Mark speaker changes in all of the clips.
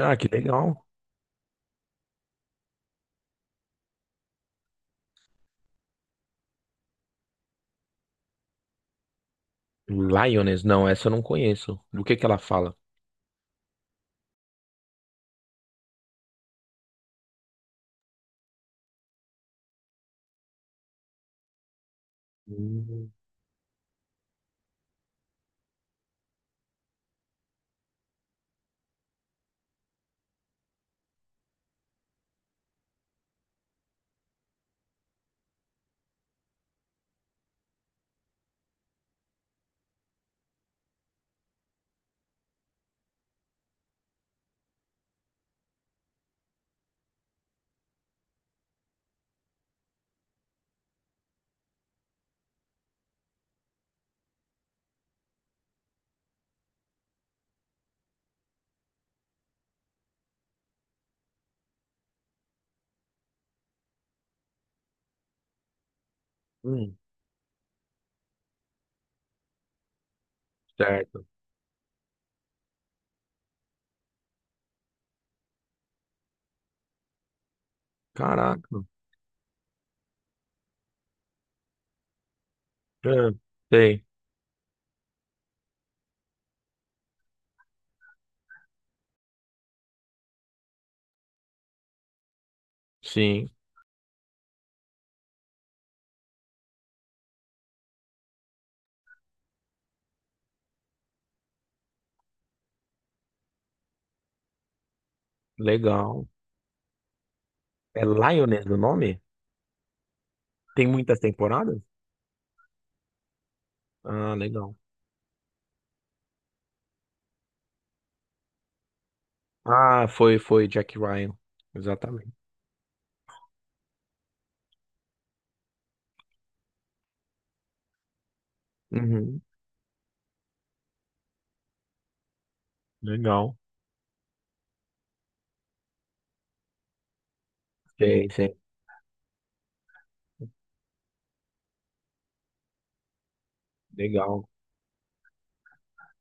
Speaker 1: Ah, que legal. Lioness, não, essa eu não conheço. Do que ela fala? Hum, hum, certo. Caraca. Ah, sei. Sim, legal. É Lioness o nome? Tem muitas temporadas? Ah, legal. Ah, foi Jack Ryan. Exatamente. Uhum, legal. Sei, sei. Legal.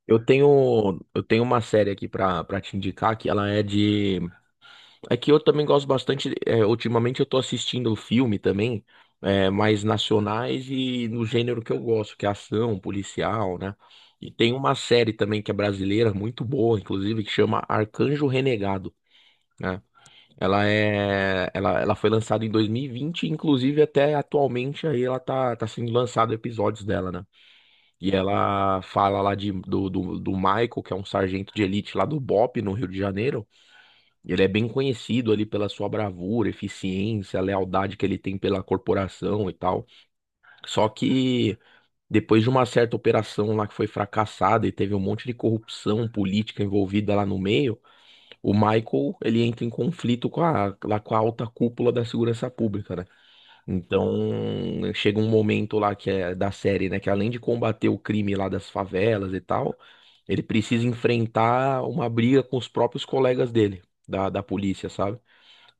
Speaker 1: Eu tenho uma série aqui pra te indicar que ela é de. É que eu também gosto bastante. Ultimamente eu tô assistindo filme também, mais nacionais e no gênero que eu gosto, que é ação, policial, né? E tem uma série também que é brasileira, muito boa, inclusive, que chama Arcanjo Renegado, né? Ela foi lançada em 2020, inclusive até atualmente aí ela tá sendo lançado episódios dela, né? E ela fala lá do Michael, que é um sargento de elite lá do BOP, no Rio de Janeiro. Ele é bem conhecido ali pela sua bravura, eficiência, lealdade que ele tem pela corporação e tal. Só que depois de uma certa operação lá que foi fracassada e teve um monte de corrupção política envolvida lá no meio, o Michael, ele entra em conflito com a, lá com a alta cúpula da segurança pública, né? Então, chega um momento lá que é da série, né, que além de combater o crime lá das favelas e tal, ele precisa enfrentar uma briga com os próprios colegas dele, da polícia, sabe?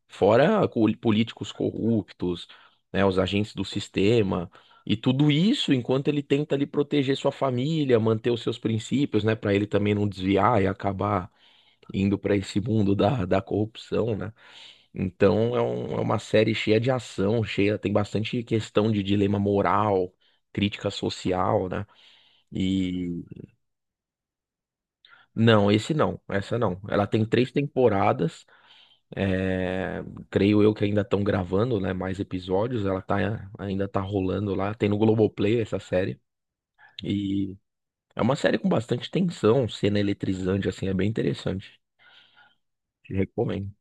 Speaker 1: Fora políticos corruptos, né, os agentes do sistema, e tudo isso enquanto ele tenta ali proteger sua família, manter os seus princípios, né, para ele também não desviar e acabar indo para esse mundo da corrupção, né? Então é uma série cheia de ação, cheia, tem bastante questão de dilema moral, crítica social, né? E não, esse não, essa não. Ela tem três temporadas. É, creio eu que ainda estão gravando, né, mais episódios. Ela tá, ainda tá rolando lá. Tem no Globoplay essa série. E é uma série com bastante tensão, cena eletrizante, assim, é bem interessante. Te recomendo.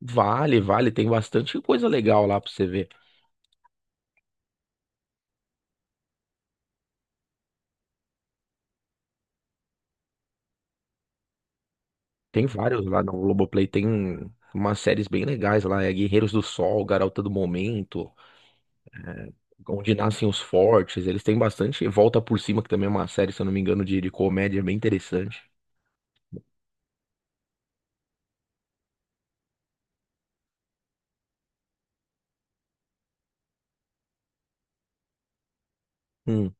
Speaker 1: Vale, vale. Tem bastante coisa legal lá pra você ver. Tem vários lá no Globoplay. Tem umas séries bem legais lá. É Guerreiros do Sol, Garota do Momento, Onde Nascem os Fortes. Eles têm bastante. Volta por Cima, que também é uma série, se eu não me engano, de comédia bem interessante. Hum.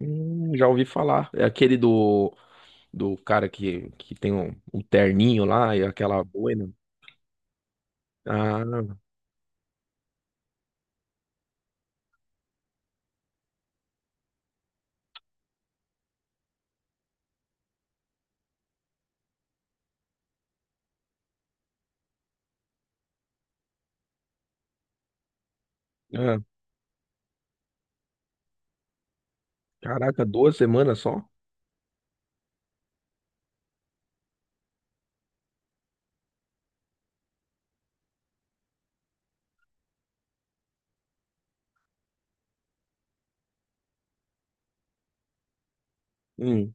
Speaker 1: Já ouvi falar. É aquele do cara que tem um terninho lá e aquela boina. Ah, ah, caraca, duas semanas só? Hum,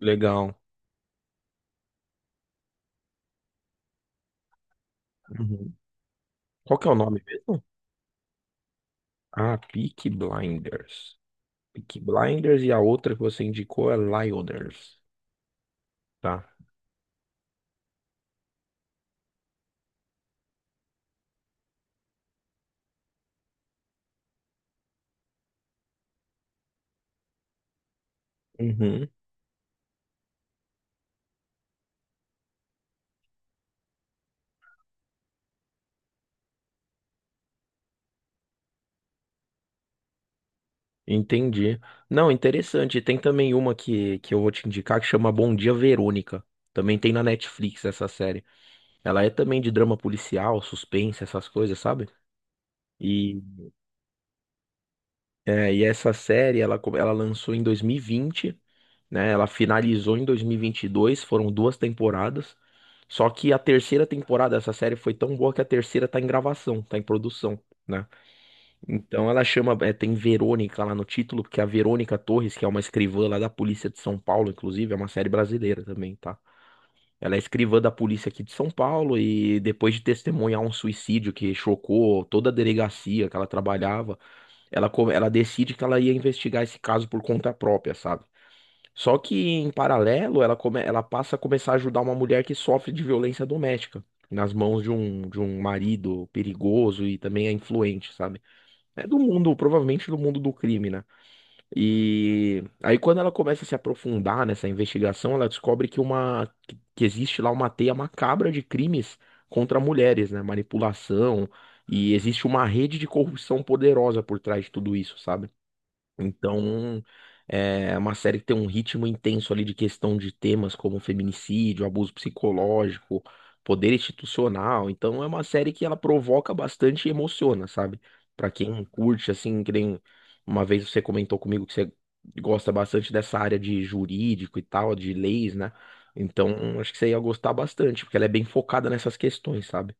Speaker 1: legal. Uhum. Qual que é o nome mesmo? Ah, Peaky Blinders. Peaky Blinders e a outra que você indicou é Lyoders. Tá. Uhum, entendi. Não, interessante. Tem também uma que eu vou te indicar que chama Bom Dia Verônica. Também tem na Netflix essa série. Ela é também de drama policial, suspense, essas coisas, sabe? E, e essa série, ela lançou em 2020, né? Ela finalizou em 2022, foram duas temporadas. Só que a terceira temporada dessa série foi tão boa que a terceira tá em gravação, tá em produção, né? Então ela chama, é, tem Verônica lá no título, porque a Verônica Torres, que é uma escrivã lá da Polícia de São Paulo, inclusive, é uma série brasileira também, tá? Ela é escrivã da polícia aqui de São Paulo e depois de testemunhar um suicídio que chocou toda a delegacia que ela trabalhava, ela decide que ela ia investigar esse caso por conta própria, sabe? Só que em paralelo, ela passa a começar a ajudar uma mulher que sofre de violência doméstica nas mãos de um marido perigoso e também é influente, sabe? É do mundo, provavelmente do mundo do crime, né? E aí quando ela começa a se aprofundar nessa investigação, ela descobre que existe lá uma teia macabra de crimes contra mulheres, né? Manipulação, e existe uma rede de corrupção poderosa por trás de tudo isso, sabe? Então, é uma série que tem um ritmo intenso ali de questão de temas como feminicídio, abuso psicológico, poder institucional. Então, é uma série que ela provoca bastante e emociona, sabe? Pra quem curte, assim, que nem uma vez você comentou comigo que você gosta bastante dessa área de jurídico e tal, de leis, né? Então, acho que você ia gostar bastante, porque ela é bem focada nessas questões, sabe?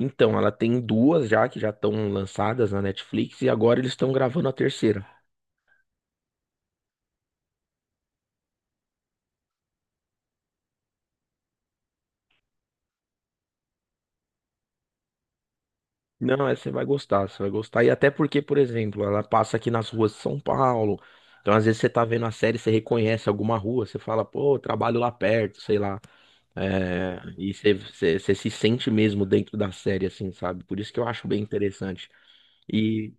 Speaker 1: Então, ela tem duas já que já estão lançadas na Netflix e agora eles estão gravando a terceira. Não, essa você vai gostar, você vai gostar. E até porque, por exemplo, ela passa aqui nas ruas de São Paulo. Então, às vezes, você tá vendo a série, você reconhece alguma rua, você fala, pô, eu trabalho lá perto, sei lá. É, e você se sente mesmo dentro da série, assim, sabe? Por isso que eu acho bem interessante. E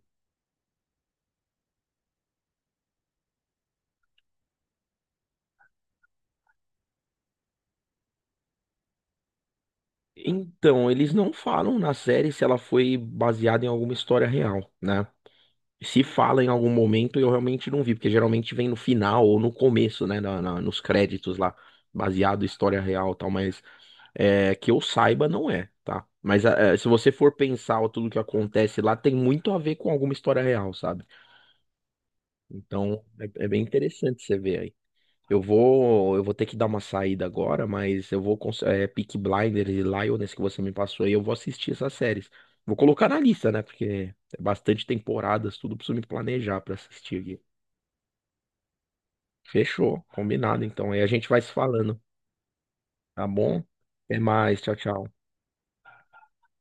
Speaker 1: então, eles não falam na série se ela foi baseada em alguma história real, né? Se fala em algum momento, eu realmente não vi, porque geralmente vem no final ou no começo, né? Nos créditos lá, baseado em história real e tal, mas. É, que eu saiba, não é, tá? Mas é, se você for pensar ó, tudo que acontece lá, tem muito a ver com alguma história real, sabe? Então é, é bem interessante você ver aí. Eu vou ter que dar uma saída agora, mas eu vou, Peaky Blinders e Lioness que você me passou aí, eu vou assistir essas séries. Vou colocar na lista, né? Porque é bastante temporadas, tudo preciso me planejar pra assistir aqui. Fechou, combinado então. Aí a gente vai se falando, tá bom? Até mais, tchau, tchau.